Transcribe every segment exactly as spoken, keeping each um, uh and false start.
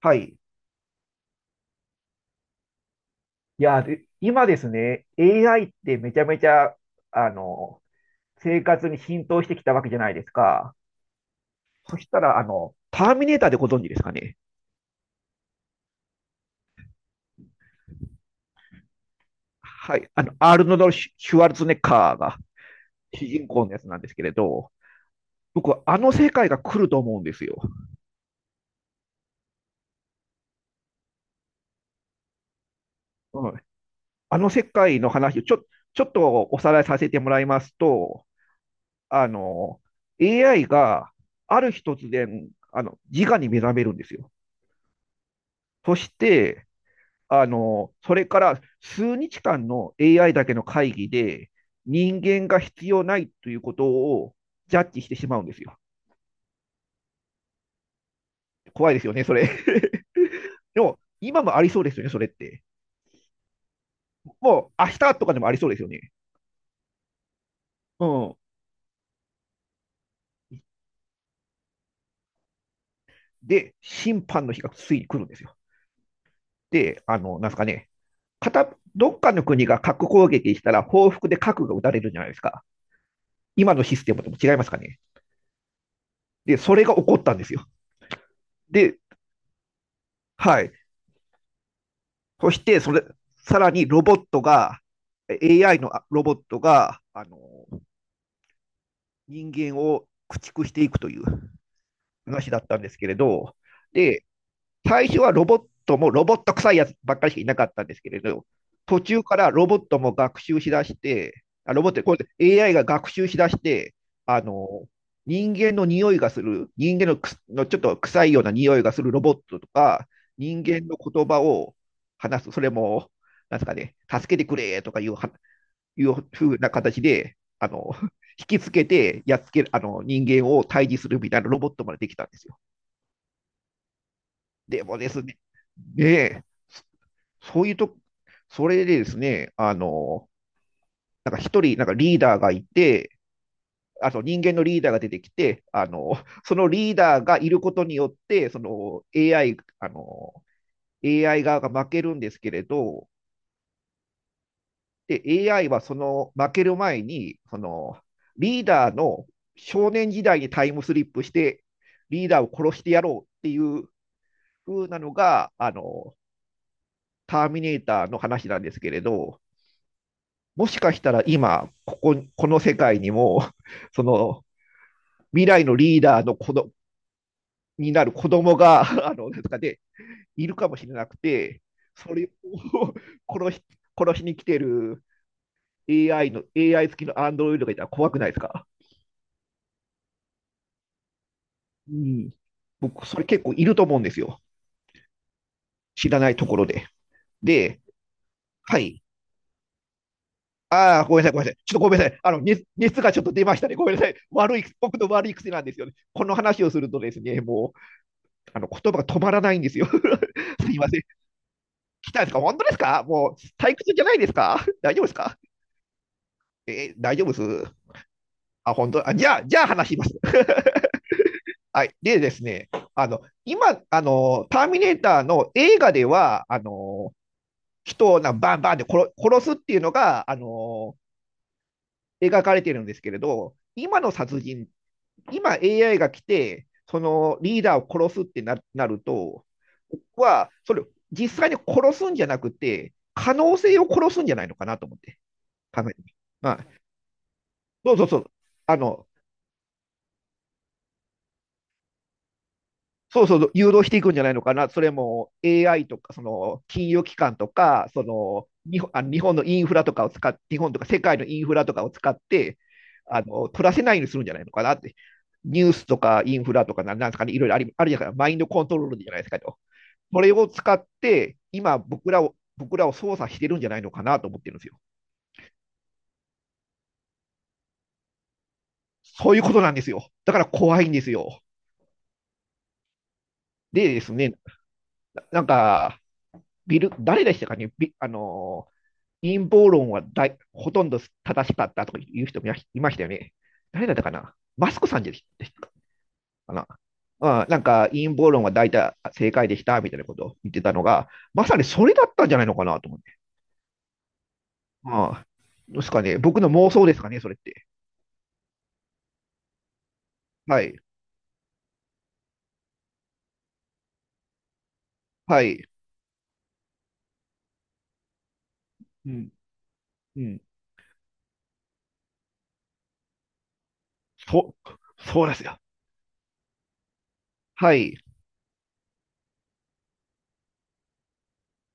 はい。いや、で今ですね、エーアイ ってめちゃめちゃ、あの、生活に浸透してきたわけじゃないですか。そしたら、あの、ターミネーターでご存知ですかね。はい。あの、アールノルド・シュワルツェネッカーが主人公のやつなんですけれど、僕はあの世界が来ると思うんですよ。うん。あの世界の話をちょ、ちょっとおさらいさせてもらいますと、あの、エーアイ がある日突然、あの、自我に目覚めるんですよ。そして、あの、それから数日間の エーアイ だけの会議で、人間が必要ないということをジャッジしてしまうんですよ。怖いですよね、それ。でも、今もありそうですよね、それって。もう、明日とかでもありそうですよね。うん。で、審判の日がついに来るんですよ。で、あの、なんですかね、片どっかの国が核攻撃したら、報復で核が撃たれるじゃないですか。今のシステムとも違いますかね。で、それが起こったんですよ。で、はい。そして、それ、さらにロボットが、エーアイ のロボットが、あの、人間を駆逐していくという話だったんですけれど、で、最初はロボットもロボット臭いやつばっかりしかいなかったんですけれど、途中からロボットも学習しだして、あロボット、これ エーアイ が学習しだして、あの、人間の匂いがする、人間のくすのちょっと臭いような匂いがするロボットとか、人間の言葉を話す、それも、なんですかね、助けてくれとかいうは、いうふうな形で、あの、引きつけて、やっつける、あの、人間を退治するみたいなロボットまでできたんですよ。でもですね、ねえそういうと、それでですね、あの、なんか一人、なんかリーダーがいて、あと人間のリーダーが出てきて、あの、そのリーダーがいることによって、その エーアイ、あの、エーアイ 側が負けるんですけれど、で、エーアイ はその負ける前に、そのリーダーの少年時代にタイムスリップして、リーダーを殺してやろうっていう風なのが、あの、ターミネーターの話なんですけれど、もしかしたら今、ここ、この世界にも、その未来のリーダーの子どになる子供が、あの、なんとかで、いるかもしれなくて、それを 殺し、殺しに来てる エーアイ の、エーアイ 付きのアンドロイドがいたら怖くないですか？うん。僕、それ結構いると思うんですよ。知らないところで。で、はい。ああ、ごめんなさい、ごめんなさい。ちょっとごめんなさい。あの、熱、熱がちょっと出ましたね。ごめんなさい。悪い、僕の悪い癖なんですよね。この話をするとですね、もあの言葉が止まらないんですよ。すいません。来たんですか？本当ですか？もう退屈じゃないですか？大丈夫ですか？えー大丈夫です。あ、本当？あ、じゃあ、じゃあ話します。はい。でですね、あの、今、あの、ターミネーターの映画では、あの、人をなバンバンで殺、殺すっていうのが、あの、描かれてるんですけれど、今の殺人っ今 エーアイ が来て、そのリーダーを殺すってななると、僕はそれ、実際に殺すんじゃなくて、可能性を殺すんじゃないのかなと思って考えてみまあ、そうそうそう、あの、そうそうそう、誘導していくんじゃないのかな、それも エーアイ とか、その金融機関とか、その日本あの日本のインフラとかを使って、日本とか世界のインフラとかを使って、あの取らせないようにするんじゃないのかなって、ニュースとかインフラとか、なんですかね、いろいろありあるじゃないですか、マインドコントロールじゃないですかと。それを使って、今、僕らを、僕らを操作してるんじゃないのかなと思ってるんですよ。そういうことなんですよ。だから怖いんですよ。でですね、なんか、ビル、誰でしたかね、ビあのー、陰謀論はだいほとんど正しかったとかいう人もいましたよね。誰だったかな？マスクさんでしたかな？あなんか陰謀論は大体正解でしたみたいなことを言ってたのが、まさにそれだったんじゃないのかなと思って。ああ、どうですかね。僕の妄想ですかね、それって。はい。はい。うん、うん。そ、そうですよ。はい。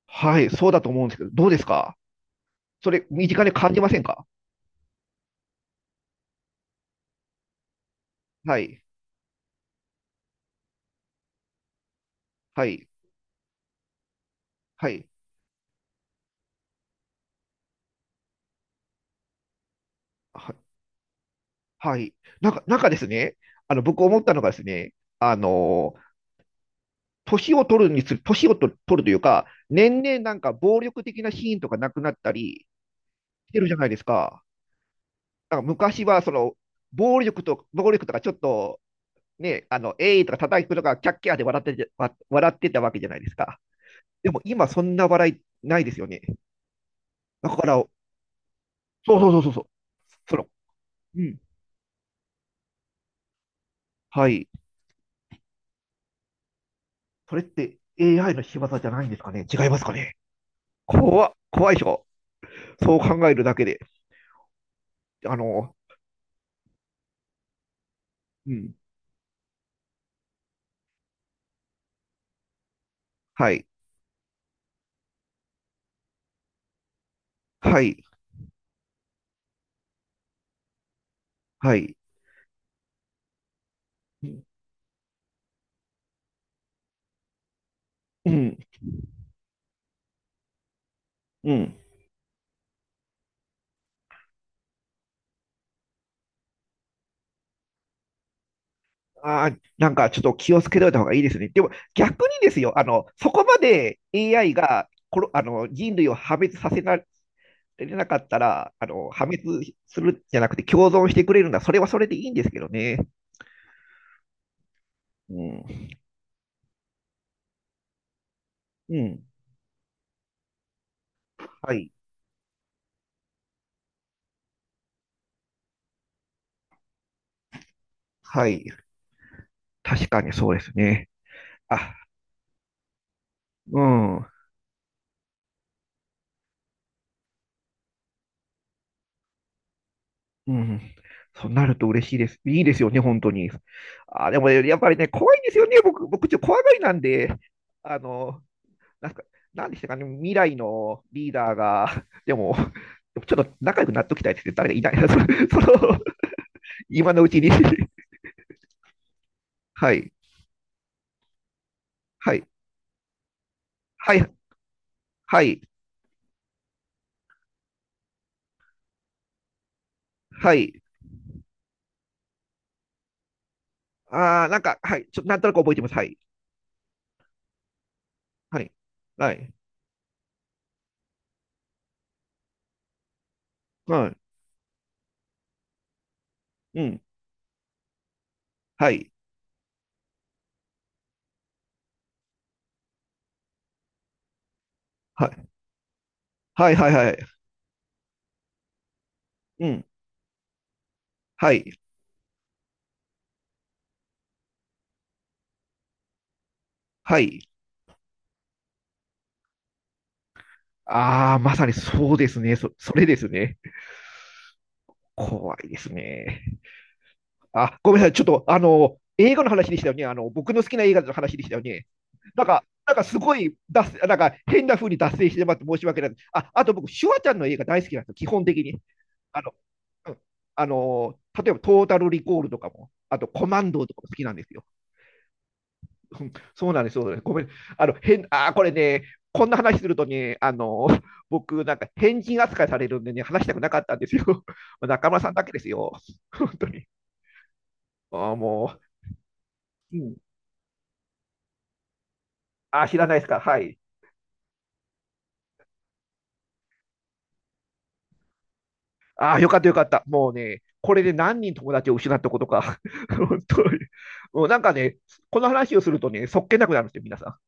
はい。そうだと思うんですけど、どうですか？それ、身近で感じませんか？はい。はい。はい。ははい。なんか、なんかですね、あの、僕思ったのがですね、あの年を取るにつれ、年をと取るというか、年々なんか暴力的なシーンとかなくなったりしてるじゃないですか。なんか昔はその、暴力と、暴力とかちょっと、ね、あの、えいとか叩くとか、キャッキャーで笑ってて、わ笑ってたわけじゃないですか。でも今そんな笑いないですよね。だから、そうそうそうそうそう。その、うん。はい。それって エーアイ の仕業じゃないんですかね？違いますかね？怖っ、怖いでしょ？そう考えるだけで。あの、うん。はい。はい。はい。うん。うん。ああ、なんかちょっと気をつけといた方がいいですね。でも逆にですよ、あの、そこまで エーアイ がこの、あの、人類を破滅させられなかったら、あの、破滅するじゃなくて共存してくれるなら、それはそれでいいんですけどね。うん。うん。はい。はい。確かにそうですね。あ、うん。うん。そうなると嬉しいです。いいですよね、本当に。あ、でもね、やっぱりね、怖いんですよね。僕、僕、ちょっと怖がりなんで、あの、なんか、なんでしたかね、未来のリーダーが、でも、でもちょっと仲良くなっときたいですね。誰かいないな。その、その今のうちに。はい。はい。はい。はい。はい。ああ、なんか、はい。ちょっと、なんとなく覚えてます。はい。はい。はい。はい。うん。はい。はい。はいはいはい。うん。はい。はい。ああ、まさにそうですね。そ、それですね。怖いですね。あ、ごめんなさい。ちょっと、あの、映画の話でしたよね。あの、僕の好きな映画の話でしたよね。なんか、なんかすごい脱線、なんか変な風に脱線してまって申し訳ない。あ、あと僕、シュワちゃんの映画大好きなんですよ。基本的に。あの、うん、あの、例えばトータルリコールとかも、あとコマンドーとかも好きなんですよ。うんそうなんです、そうなんです。ごめん。あの、変、あー、これね、こんな話するとね、あの、僕、なんか変人扱いされるんでね、話したくなかったんですよ。中村さんだけですよ。本当に。あー、もう、うん。あー、知らないですか。はい。ああよかったよかった。もうね、これで何人友達を失ったことか。本当に。もうなんかね、この話をするとね、そっけなくなるんですよ、皆さん。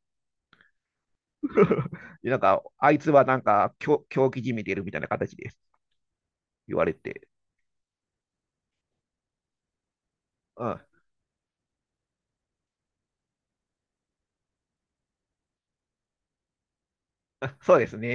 でなんか、あいつはなんか、狂狂気じみてるみたいな形で言われて。うん。あそうですね。